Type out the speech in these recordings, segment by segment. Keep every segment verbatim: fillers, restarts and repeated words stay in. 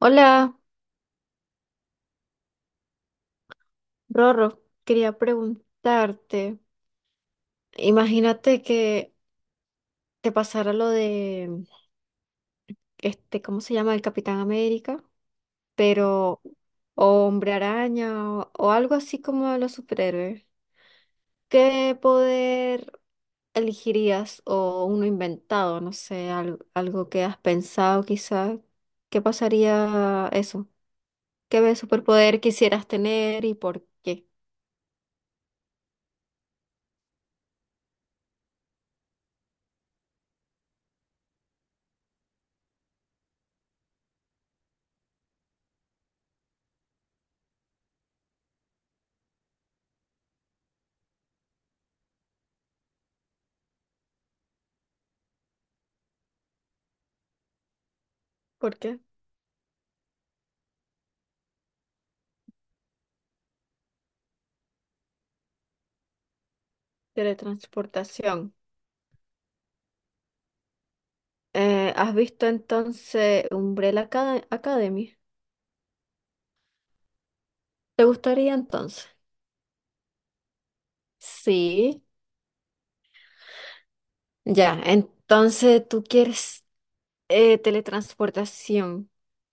Hola, Rorro. Quería preguntarte, imagínate que te pasara lo de, este, ¿cómo se llama? El Capitán América, pero o Hombre Araña o, o algo así como de los superhéroes. ¿Qué poder elegirías o uno inventado? No sé, algo, algo que has pensado quizá. ¿Qué pasaría eso? ¿Qué superpoder quisieras tener y por qué? ¿Por qué? Teletransportación. Eh, ¿has visto entonces Umbrella Acad- Academy? ¿Te gustaría entonces? Sí. Ya, entonces tú quieres eh, teletransportación.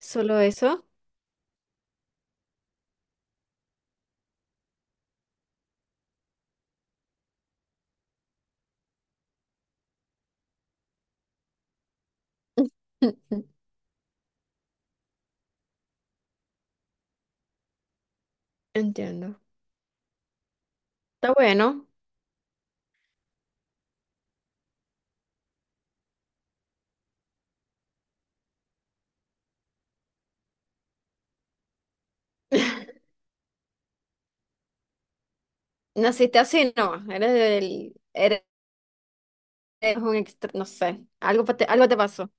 ¿Solo eso? Entiendo. Está bueno. Naciste así, no. Eres el, eres un extra, no sé. Algo, pa- te- algo te pasó.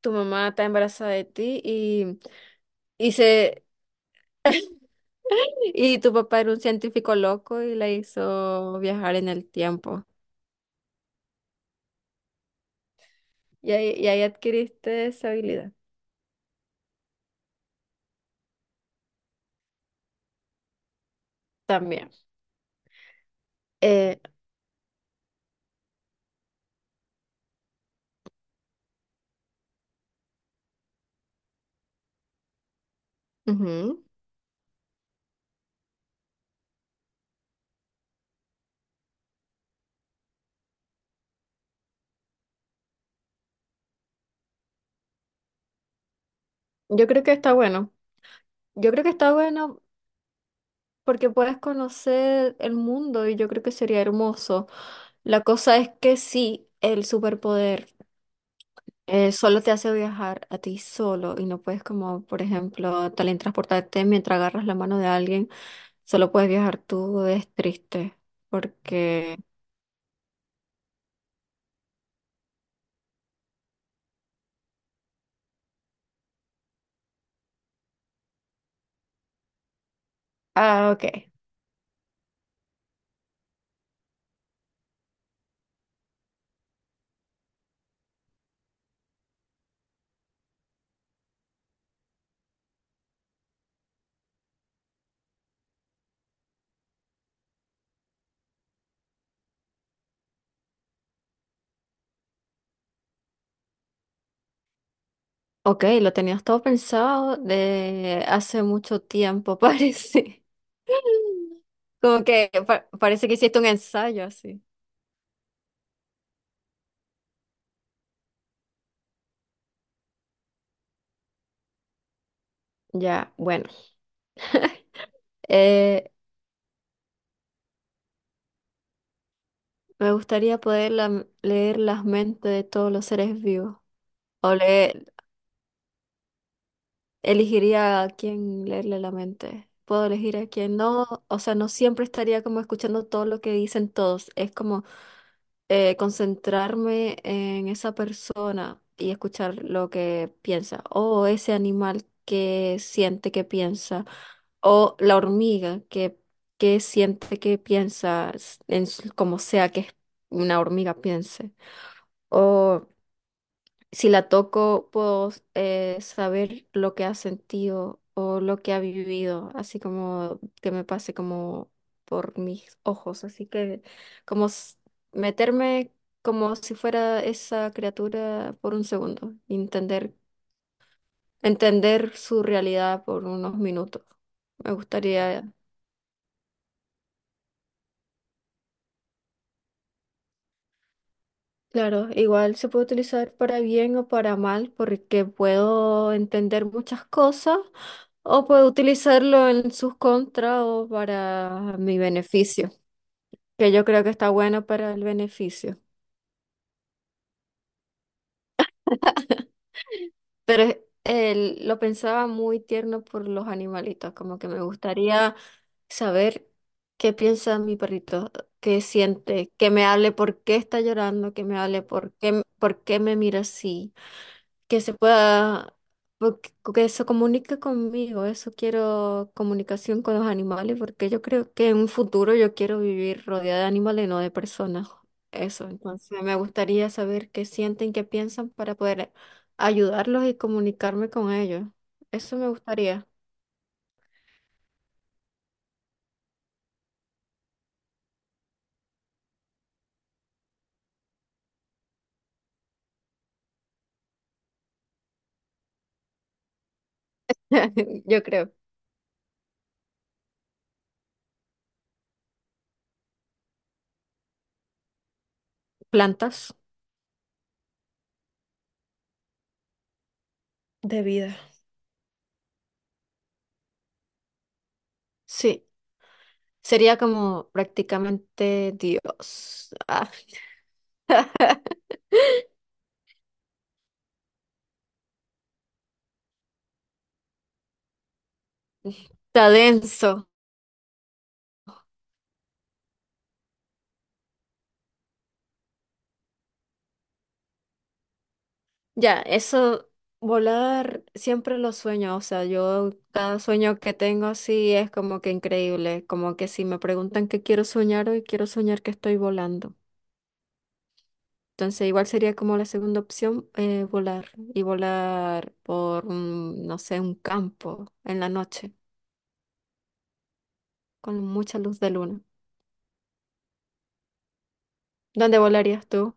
Tu mamá está embarazada de ti y, y se y tu papá era un científico loco y la hizo viajar en el tiempo. Y ahí, y ahí adquiriste esa habilidad también. Eh, ujú. Yo creo que está bueno. Yo creo que está bueno porque puedes conocer el mundo y yo creo que sería hermoso. La cosa es que sí, el superpoder eh, solo te hace viajar a ti solo y no puedes como, por ejemplo, también transportarte mientras agarras la mano de alguien. Solo puedes viajar tú, es triste porque... Ah, ok. Ok, lo tenías todo pensado de hace mucho tiempo, parece. Como que pa- parece que hiciste un ensayo así. Ya, bueno. Eh, Me gustaría poder la- leer las mentes de todos los seres vivos. O leer, elegiría a quién leerle la mente. Puedo elegir a quién no. O sea, no siempre estaría como escuchando todo lo que dicen todos. Es como eh, concentrarme en esa persona y escuchar lo que piensa, o ese animal que siente que piensa, o la hormiga que, que siente que piensa, s- en, su- como sea que una hormiga piense, o si la toco, puedo eh, saber lo que ha sentido o lo que ha vivido, así como que me pase como por mis ojos, así que como s- meterme como si fuera esa criatura por un segundo, entender, entender su realidad por unos minutos. Me gustaría. Claro, igual se puede utilizar para bien o para mal, porque puedo entender muchas cosas o puedo utilizarlo en sus contras o para mi beneficio, que yo creo que está bueno para el beneficio. Pero es- el- lo pensaba muy tierno por los animalitos, como que me gustaría saber qué piensa mi perrito, qué siente, que me hable por qué está llorando, que me hable por qué, por qué me mira así. Que se pueda, porque- que se comunique conmigo. Eso quiero, comunicación con los animales, porque yo creo que en un futuro yo quiero vivir rodeada de animales, no de personas. Eso, entonces me gustaría saber qué sienten, qué piensan para poder ayudarlos y comunicarme con ellos. Eso me gustaría, yo creo. Plantas de vida. Sí, sería como prácticamente Dios. Ah, está denso. Ya, eso, volar siempre lo sueño, o sea, yo cada sueño que tengo así es como que increíble, como que si me preguntan qué quiero soñar hoy, quiero soñar que estoy volando. Entonces, igual sería como la segunda opción, eh, volar y volar por, un, no sé, un campo en la noche con mucha luz de luna. ¿Dónde volarías tú?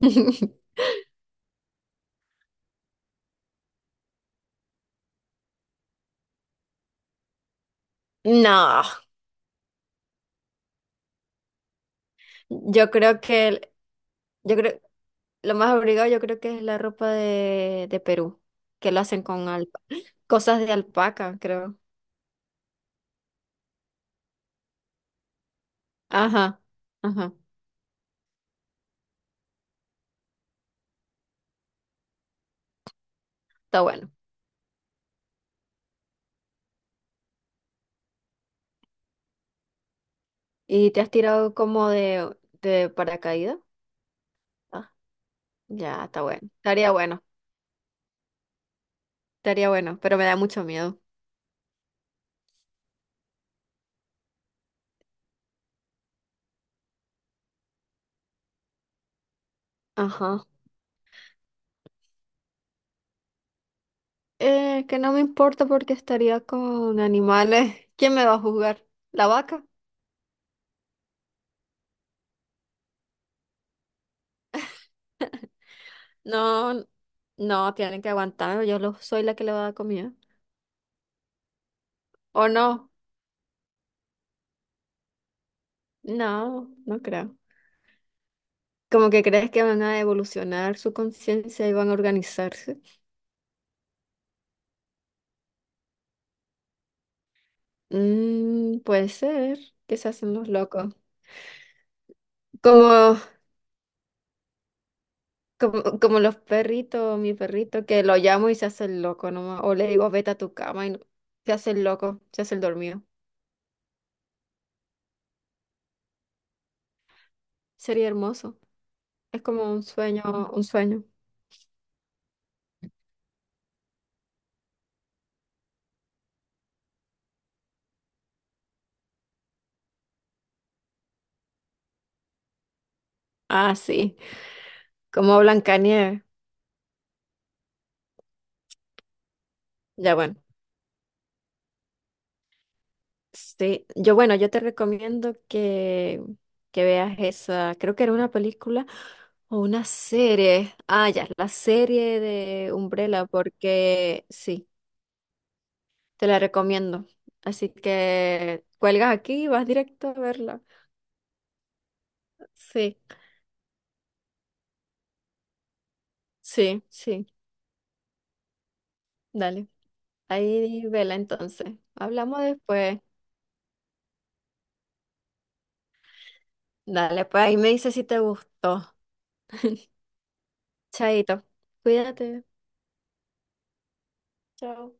No, yo creo que, yo creo. Lo más obligado yo creo que es la ropa de, de Perú, que lo hacen con alpa- cosas de alpaca, creo. Ajá, ajá, está bueno. ¿Y te has tirado como de, de paracaídas? Ah, ya, está bueno. Estaría bueno, estaría bueno, pero me da mucho miedo. Ajá. Eh, que no me importa porque estaría con animales. ¿Quién me va a juzgar? ¿La vaca? No, no, tienen que aguantar. Yo lo- soy la que le va a dar comida. ¿O no? No, no creo. Como que crees que van a evolucionar su conciencia y van a organizarse. Mm, puede ser que se hacen los locos. Como, como, como los perritos, mi perrito, que lo llamo y se hace el loco nomás. O le digo, vete a tu cama y no- se hace el loco, se hace el dormido. Sería hermoso. Es como un sueño, un sueño. Ah, sí. Como Blancanieves. Ya, bueno. Sí, yo bueno, yo te recomiendo que, que veas esa, creo que era una película o una serie. Ah, ya, la serie de Umbrella, porque sí, te la recomiendo. Así que cuelgas aquí y vas directo a verla. Sí, sí, sí, dale. Ahí vela entonces. Hablamos después. Dale, pues ahí me dices si te gustó. Chaito, cuídate. Chao.